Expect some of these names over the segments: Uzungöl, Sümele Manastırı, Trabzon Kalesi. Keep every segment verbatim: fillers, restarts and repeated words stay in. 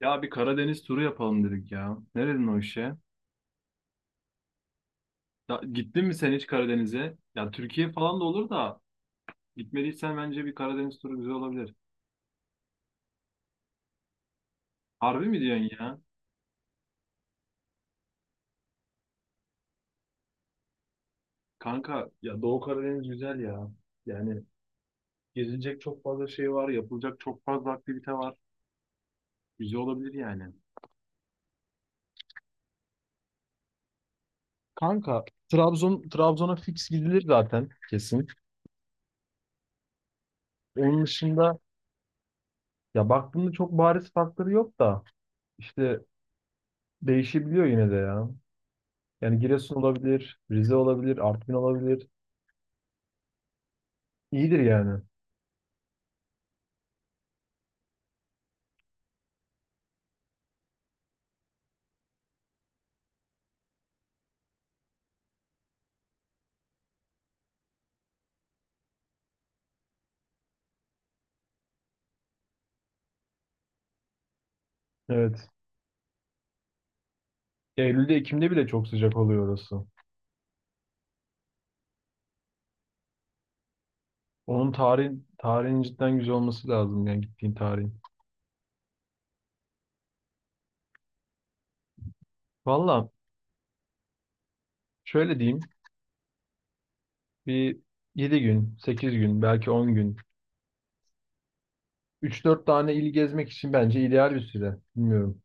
Ya bir Karadeniz turu yapalım dedik ya. Neredin o işe? Ya, gittin mi sen hiç Karadeniz'e? Ya Türkiye falan da olur da gitmediysen bence bir Karadeniz turu güzel olabilir. Harbi mi diyorsun ya? Kanka ya Doğu Karadeniz güzel ya. Yani gezilecek çok fazla şey var, yapılacak çok fazla aktivite var. Güzel olabilir yani. Kanka Trabzon Trabzon'a fix gidilir zaten kesin. Onun dışında ya baktığımda çok bariz farkları yok da işte değişebiliyor yine de ya. Yani Giresun olabilir, Rize olabilir, Artvin olabilir. İyidir yani. Evet. Eylül'de, Ekim'de bile çok sıcak oluyor orası. Onun tarihin, tarihin cidden güzel olması lazım yani gittiğin tarihin. Valla şöyle diyeyim bir yedi gün, sekiz gün, belki on gün. Üç dört tane il gezmek için bence ideal bir süre. Bilmiyorum.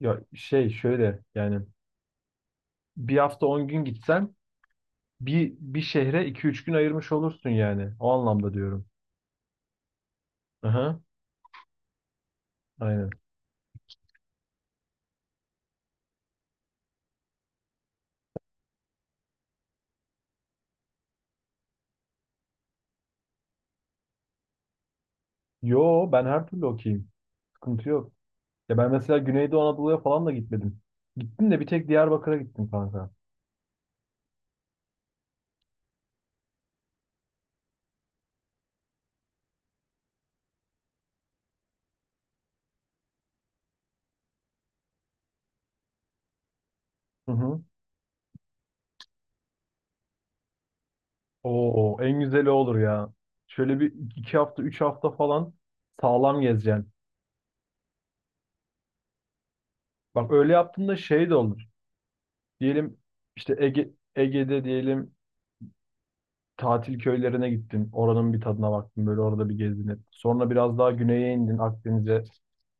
Ya şey şöyle yani bir hafta on gün gitsen bir, bir şehre iki üç gün ayırmış olursun yani. O anlamda diyorum. Aha, aynen. Yo ben her türlü okuyayım. Sıkıntı yok. Ya ben mesela Güneydoğu Anadolu'ya falan da gitmedim. Gittim de bir tek Diyarbakır'a gittim kanka. Hı hı. Oo, en güzeli olur ya. Şöyle bir iki hafta, üç hafta falan sağlam gezeceksin. Bak öyle yaptığında şey de olur. Diyelim işte Ege, Ege'de diyelim tatil köylerine gittin. Oranın bir tadına baktın. Böyle orada bir gezdin. Sonra biraz daha güneye indin Akdeniz'e.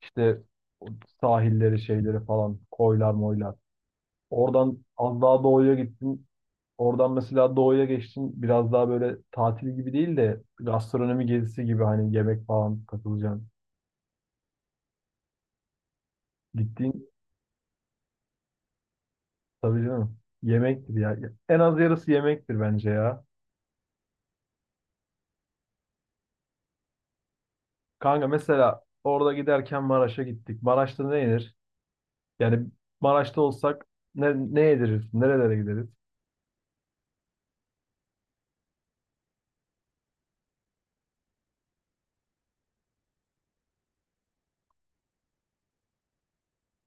İşte o sahilleri şeyleri falan koylar moylar. Oradan az daha doğuya gittin. Oradan mesela doğuya geçtin. Biraz daha böyle tatil gibi değil de gastronomi gezisi gibi hani yemek falan katılacaksın. Gittiğin tabii canım yemektir ya. En az yarısı yemektir bence ya. Kanka mesela orada giderken Maraş'a gittik. Maraş'ta ne yenir? Yani Maraş'ta olsak ne, ne yediririz? Nerelere gideriz?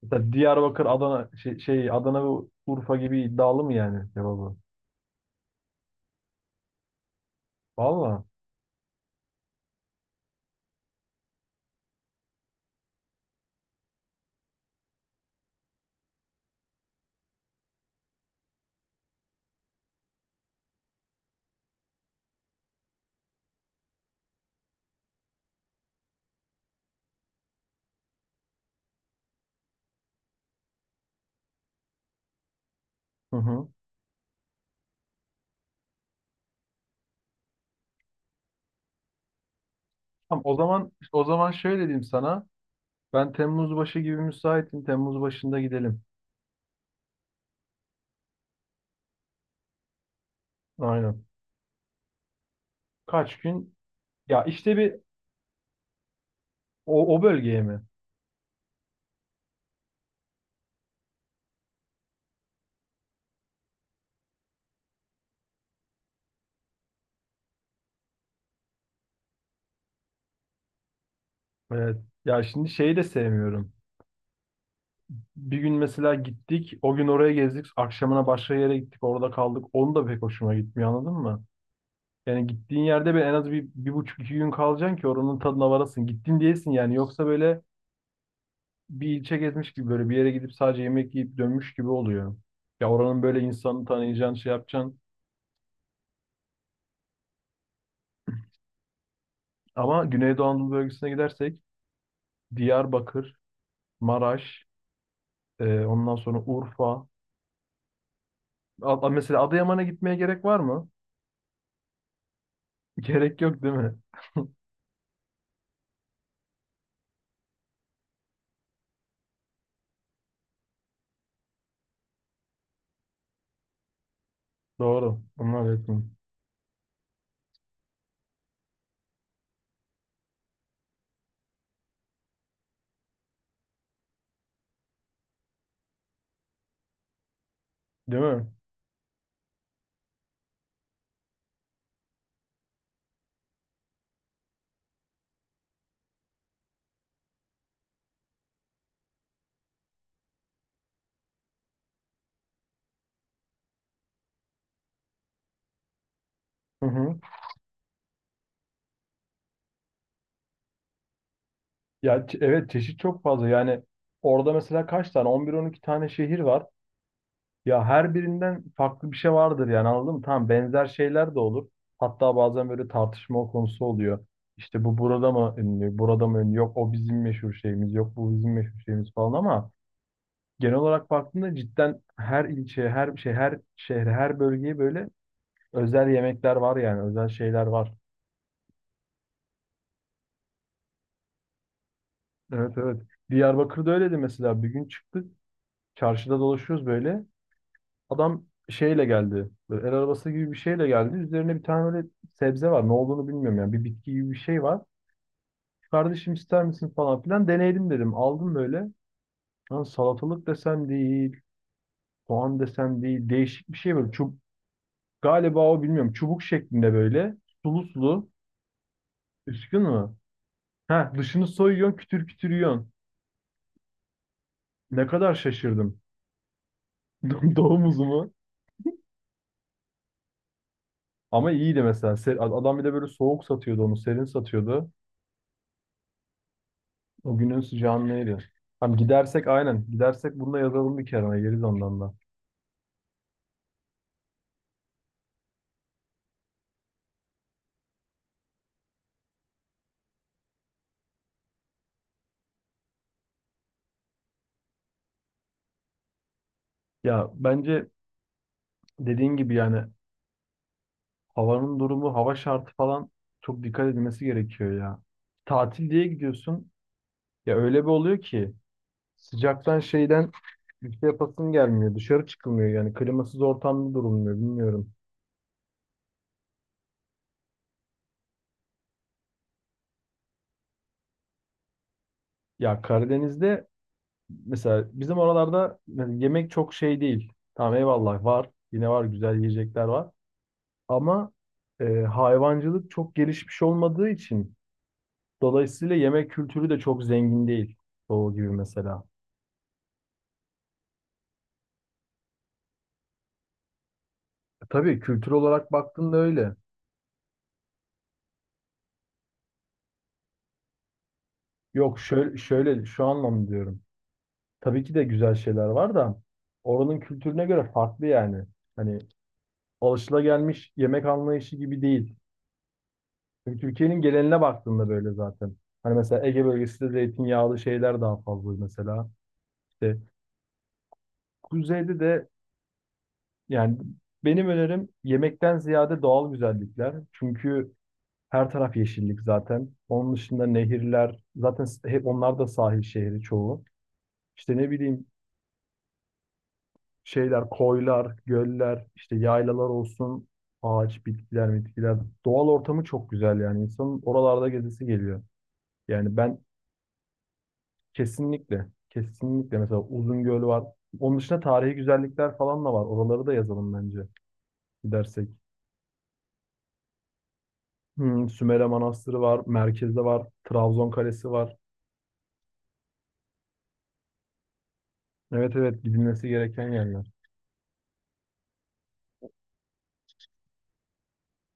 Mesela Diyarbakır, Adana şey, şey Adana ve Urfa gibi iddialı mı yani cevabı? Valla. Hı hı. Tamam, o zaman o zaman şöyle diyeyim sana. Ben Temmuz başı gibi müsaitim. Temmuz başında gidelim. Aynen. Kaç gün? Ya işte bir o, o bölgeye mi? Evet. Ya şimdi şeyi de sevmiyorum. Bir gün mesela gittik. O gün oraya gezdik. Akşamına başka yere gittik. Orada kaldık. Onu da pek hoşuma gitmiyor anladın mı? Yani gittiğin yerde bir en az bir, bir buçuk iki gün kalacaksın ki oranın tadına varasın. Gittin diyesin yani. Yoksa böyle bir ilçe gezmiş gibi böyle bir yere gidip sadece yemek yiyip dönmüş gibi oluyor. Ya oranın böyle insanı tanıyacaksın, şey yapacaksın. Ama Güneydoğu Anadolu bölgesine gidersek Diyarbakır, Maraş, e, ondan sonra Urfa. A- mesela Adıyaman'a gitmeye gerek var mı? Gerek yok değil mi? Doğru. Onlar yakın. Değil mi? Hı hı. Ya ç- evet çeşit çok fazla. Yani orada mesela kaç tane? On bir on iki tane şehir var. Ya her birinden farklı bir şey vardır yani anladın mı? Tamam benzer şeyler de olur. Hatta bazen böyle tartışma konusu oluyor. İşte bu burada mı ünlü, burada mı ünlü, yok o bizim meşhur şeyimiz, yok bu bizim meşhur şeyimiz falan ama genel olarak baktığında cidden her ilçeye, her şey, her şehre, her bölgeye böyle özel yemekler var yani özel şeyler var. Evet, evet. Diyarbakır'da öyleydi mesela bir gün çıktık, çarşıda dolaşıyoruz böyle. Adam şeyle geldi. Böyle el arabası gibi bir şeyle geldi. Üzerine bir tane böyle sebze var. Ne olduğunu bilmiyorum yani. Bir bitki gibi bir şey var. Kardeşim ister misin falan filan. Deneyelim dedim. Aldım böyle. Lan salatalık desem değil. Soğan desem değil. Değişik bir şey böyle. Çub galiba o, bilmiyorum. Çubuk şeklinde böyle. Sulu sulu. Üskün mü? Ha dışını soyuyorsun, kütür kütür yiyorsun. Ne kadar şaşırdım. Doğum uzumu. Ama iyiydi mesela. Se- Adam bir de böyle soğuk satıyordu onu. Serin satıyordu. O günün sıcağını eriyor. Tamam gidersek aynen. Gidersek bunu da yazalım bir kenara. Geliriz ondan da. Ya bence dediğin gibi yani havanın durumu, hava şartı falan çok dikkat edilmesi gerekiyor ya. Tatil diye gidiyorsun. Ya öyle bir oluyor ki sıcaktan şeyden bir şey yapasın gelmiyor. Dışarı çıkılmıyor yani. Klimasız ortamda durulmuyor. Bilmiyorum. Ya Karadeniz'de mesela bizim oralarda yani yemek çok şey değil. Tamam eyvallah var. Yine var, güzel yiyecekler var. Ama e, hayvancılık çok gelişmiş olmadığı için dolayısıyla yemek kültürü de çok zengin değil. Doğu gibi mesela. E, Tabii kültür olarak baktığında öyle. Yok şöyle, şöyle şu anlamda diyorum. Tabii ki de güzel şeyler var da oranın kültürüne göre farklı yani. Hani alışılagelmiş yemek anlayışı gibi değil. Çünkü Türkiye'nin geneline baktığında böyle zaten. Hani mesela Ege bölgesinde zeytinyağlı şeyler daha fazla mesela. İşte kuzeyde de yani benim önerim yemekten ziyade doğal güzellikler. Çünkü her taraf yeşillik zaten. Onun dışında nehirler, zaten hep onlar da sahil şehri çoğu. İşte ne bileyim şeyler, koylar, göller, işte yaylalar olsun, ağaç, bitkiler, bitkiler. Doğal ortamı çok güzel yani. İnsanın oralarda gezisi geliyor. Yani ben kesinlikle, kesinlikle mesela Uzungöl var. Onun dışında tarihi güzellikler falan da var. Oraları da yazalım bence gidersek. Hmm, Sümele Manastırı var, merkezde var, Trabzon Kalesi var. Evet, evet gidilmesi gereken yerler.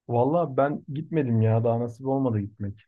Valla ben gitmedim ya, daha nasip olmadı gitmek.